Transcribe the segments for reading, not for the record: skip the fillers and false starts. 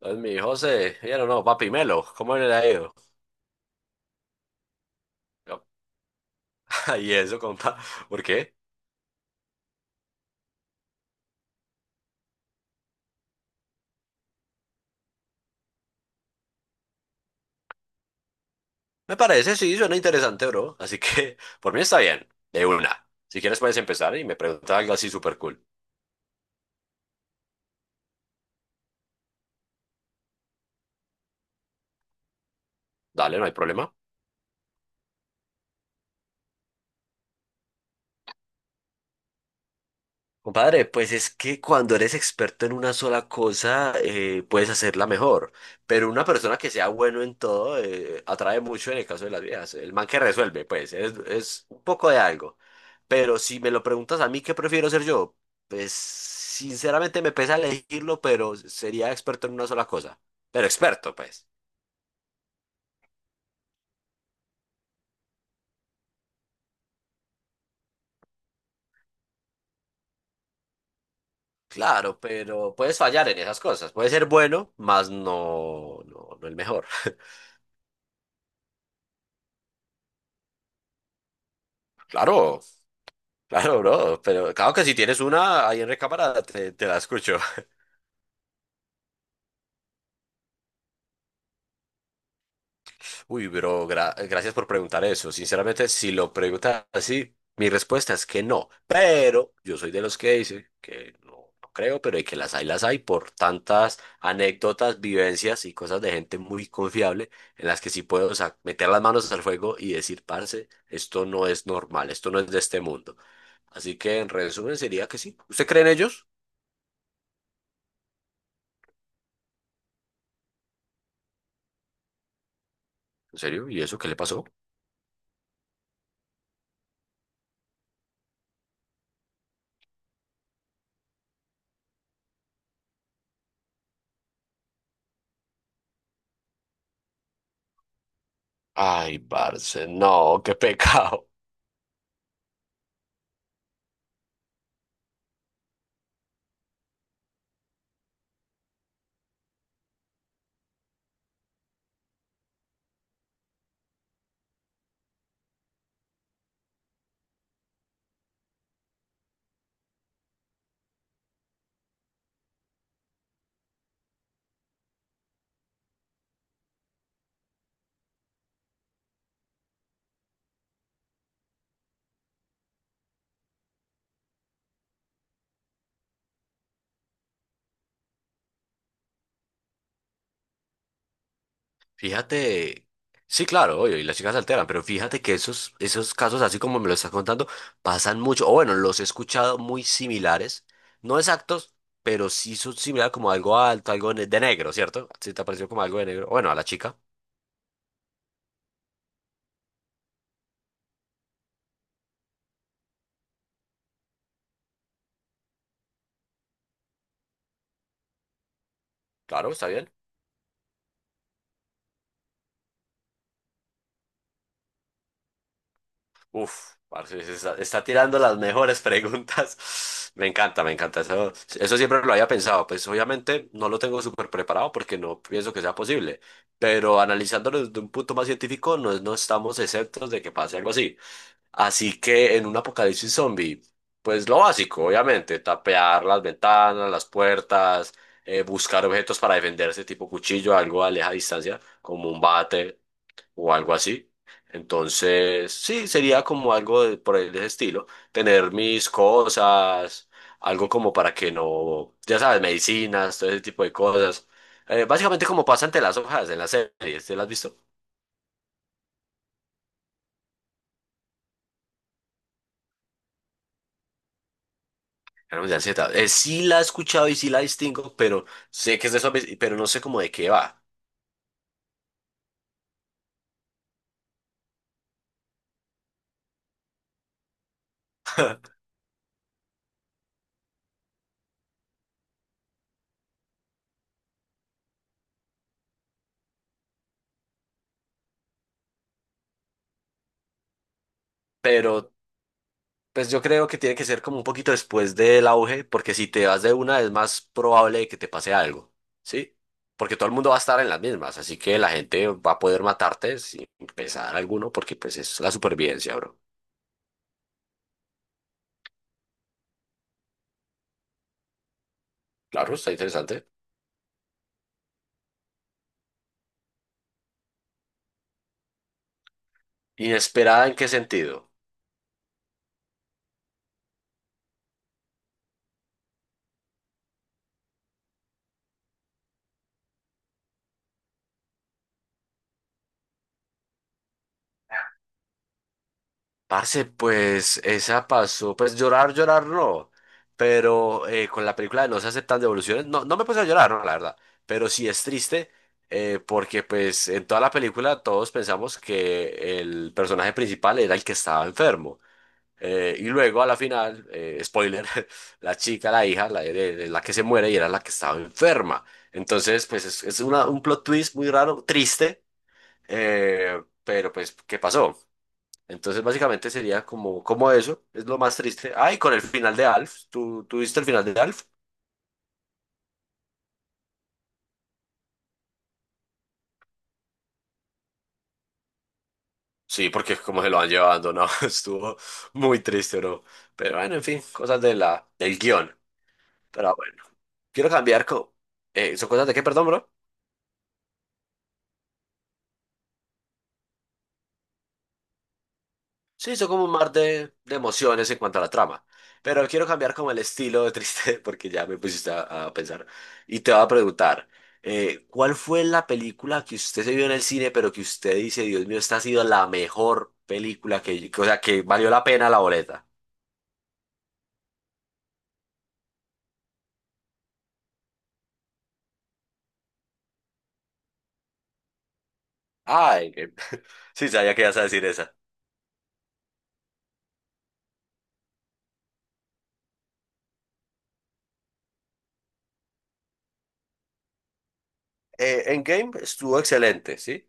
Entonces mi hijo se, ya no, no, papi Melo, ¿cómo le ha ido? Yo. Y eso, compa, ¿por qué? Me parece, sí, suena interesante, bro. Así que, por mí está bien, de una. Si quieres puedes empezar y me pregunta algo así súper cool. Dale, no hay problema. Compadre, pues es que cuando eres experto en una sola cosa, puedes hacerla mejor. Pero una persona que sea bueno en todo, atrae mucho en el caso de las viejas. El man que resuelve, pues, es un poco de algo. Pero si me lo preguntas a mí, ¿qué prefiero ser yo? Pues, sinceramente me pesa elegirlo, pero sería experto en una sola cosa. Pero experto, pues. Claro, pero puedes fallar en esas cosas. Puedes ser bueno, mas no, no, no el mejor. Claro. Claro, bro, pero claro que si tienes una ahí en recámara, te la escucho. Uy, bro, gracias por preguntar eso. Sinceramente, si lo preguntas así, mi respuesta es que no. Pero yo soy de los que dice que no, no creo, pero de que las hay por tantas anécdotas, vivencias y cosas de gente muy confiable en las que sí puedo, o sea, meter las manos al fuego y decir, parce, esto no es normal, esto no es de este mundo. Así que en resumen sería que sí. ¿Usted cree en ellos? ¿En serio? ¿Y eso qué le pasó? Ay, parce, no, qué pecado. Fíjate, sí, claro, obvio, y las chicas se alteran, pero fíjate que esos casos, así como me lo estás contando, pasan mucho, o bueno, los he escuchado muy similares, no exactos, pero sí son similares como algo alto, algo de negro, ¿cierto? Sí, te pareció como algo de negro. Bueno, a la chica, claro, está bien. Uf, parce, está tirando las mejores preguntas. Me encanta, me encanta. Eso siempre lo había pensado. Pues obviamente no lo tengo súper preparado porque no pienso que sea posible. Pero analizándolo desde un punto más científico, no, no estamos exentos de que pase algo así. Así que en un apocalipsis zombie, pues lo básico, obviamente, tapear las ventanas, las puertas, buscar objetos para defenderse, tipo cuchillo, algo a leja distancia, como un bate o algo así. Entonces, sí, sería como por el de ese estilo, tener mis cosas, algo como para que no, ya sabes, medicinas, todo ese tipo de cosas. Básicamente como pasa ante las hojas en las series, ¿te las has visto? Cannabis de ansiedad. Sí la he escuchado y sí la distingo, pero sé que es de zombies, pero no sé cómo de qué va. Pero pues yo creo que tiene que ser como un poquito después del auge, porque si te vas de una es más probable que te pase algo, ¿sí? Porque todo el mundo va a estar en las mismas, así que la gente va a poder matarte sin pesar alguno, porque pues es la supervivencia, bro. Claro, está interesante. ¿Inesperada en qué sentido? Parce, pues esa pasó, pues llorar, llorar no, pero con la película de No se aceptan devoluciones, no, no me puse a llorar, no, la verdad, pero sí es triste, porque pues en toda la película todos pensamos que el personaje principal era el que estaba enfermo, y luego a la final, spoiler, la chica, la hija, la que se muere y era la que estaba enferma, entonces pues es un plot twist muy raro, triste, pero pues ¿qué pasó? Entonces, básicamente sería como, como eso, es lo más triste. Ay, con el final de Alf, ¿tú viste el final de Alf? Sí, porque como se lo van llevando, ¿no? Estuvo muy triste, no. Pero bueno, en fin, cosas de del guión. Pero bueno, quiero cambiar. ¿Son cosas de qué, perdón, bro? Sí, hizo como un mar de emociones en cuanto a la trama. Pero quiero cambiar como el estilo de triste porque ya me pusiste a pensar. Y te voy a preguntar, ¿cuál fue la película que usted se vio en el cine, pero que usted dice, Dios mío, esta ha sido la mejor película que, o sea, que valió la pena la boleta? Ah, Endgame. Sí, sabía que ibas a decir esa. Endgame estuvo excelente, ¿sí?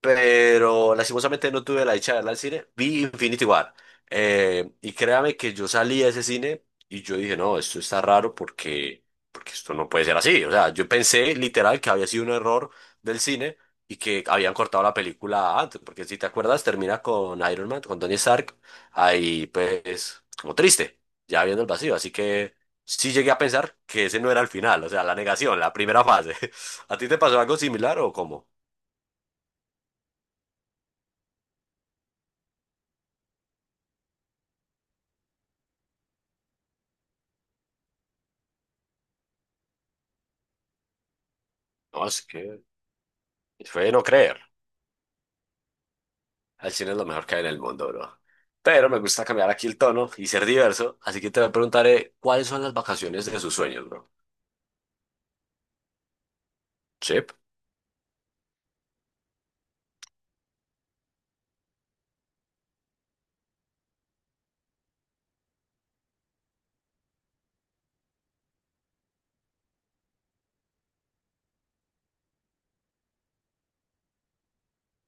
Pero lastimosamente no tuve la dicha de verla al cine. Vi Infinity War. Y créame que yo salí de ese cine y yo dije, no, esto está raro porque, porque esto no puede ser así. O sea, yo pensé literal que había sido un error del cine y que habían cortado la película antes, porque si te acuerdas, termina con Iron Man, con Tony Stark, ahí pues como triste, ya viendo el vacío. Así que sí llegué a pensar que ese no era el final, o sea, la negación, la primera fase. ¿A ti te pasó algo similar o cómo? No, es que fue de no creer. El cine es lo mejor que hay en el mundo, bro. Pero me gusta cambiar aquí el tono y ser diverso, así que te preguntaré cuáles son las vacaciones de sus sueños, bro. Chip.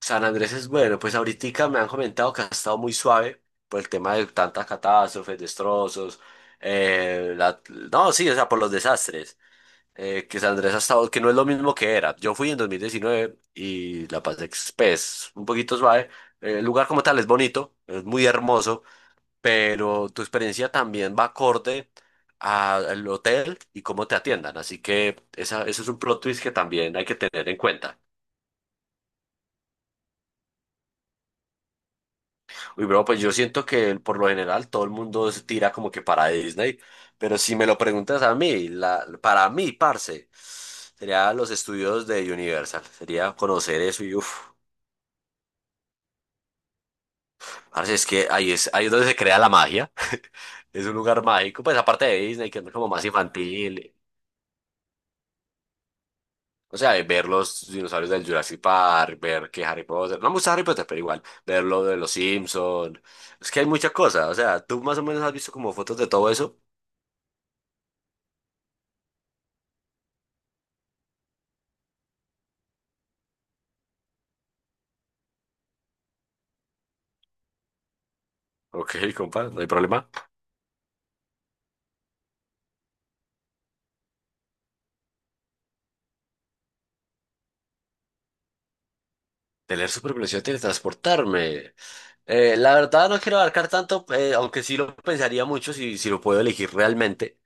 San Andrés es bueno, pues ahorita me han comentado que ha estado muy suave por el tema de tantas catástrofes, destrozos, eh, la- no, sí, o sea, por los desastres. Que San Andrés ha estado, que no es lo mismo que era. Yo fui en 2019 y la pasé pues, un poquito suave. El lugar como tal es bonito, es muy hermoso, pero tu experiencia también va acorde al hotel y cómo te atiendan. Así que esa, eso es un plot twist que también hay que tener en cuenta. Uy, bro, pues yo siento que por lo general todo el mundo se tira como que para Disney, pero si me lo preguntas a mí, la, para mí, parce, sería los estudios de Universal, sería conocer eso y uff. Parce, es que ahí es donde se crea la magia. Es un lugar mágico, pues aparte de Disney, que es como más infantil. O sea, de ver los dinosaurios del Jurassic Park, ver que Harry Potter, no me gusta Harry Potter, pero igual, ver lo de los Simpsons. Es que hay muchas cosas, o sea, tú más o menos has visto como fotos de todo eso. Ok, compa, no hay problema. Tener supervelocidad, teletransportarme. La verdad no quiero abarcar tanto, aunque sí lo pensaría mucho si, si lo puedo elegir realmente.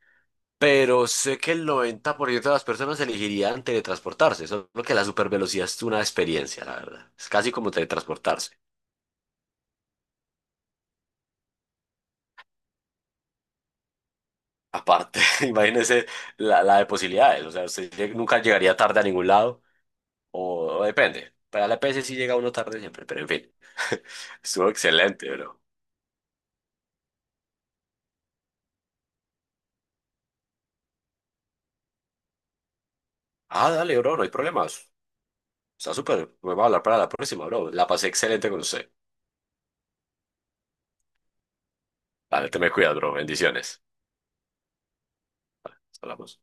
Pero sé que el 90% de las personas elegirían teletransportarse, solo que la supervelocidad es una experiencia, la verdad. Es casi como teletransportarse. Aparte, imagínese la, la de posibilidades. O sea, nunca llegaría tarde a ningún lado. O depende. Para la EPS sí llega uno tarde siempre. Pero en fin. Estuvo excelente, bro. Ah, dale, bro. No hay problemas. Está súper. Me va a hablar para la próxima, bro. La pasé excelente con usted. Dale, te me cuidas, bro. Bendiciones. Hablamos.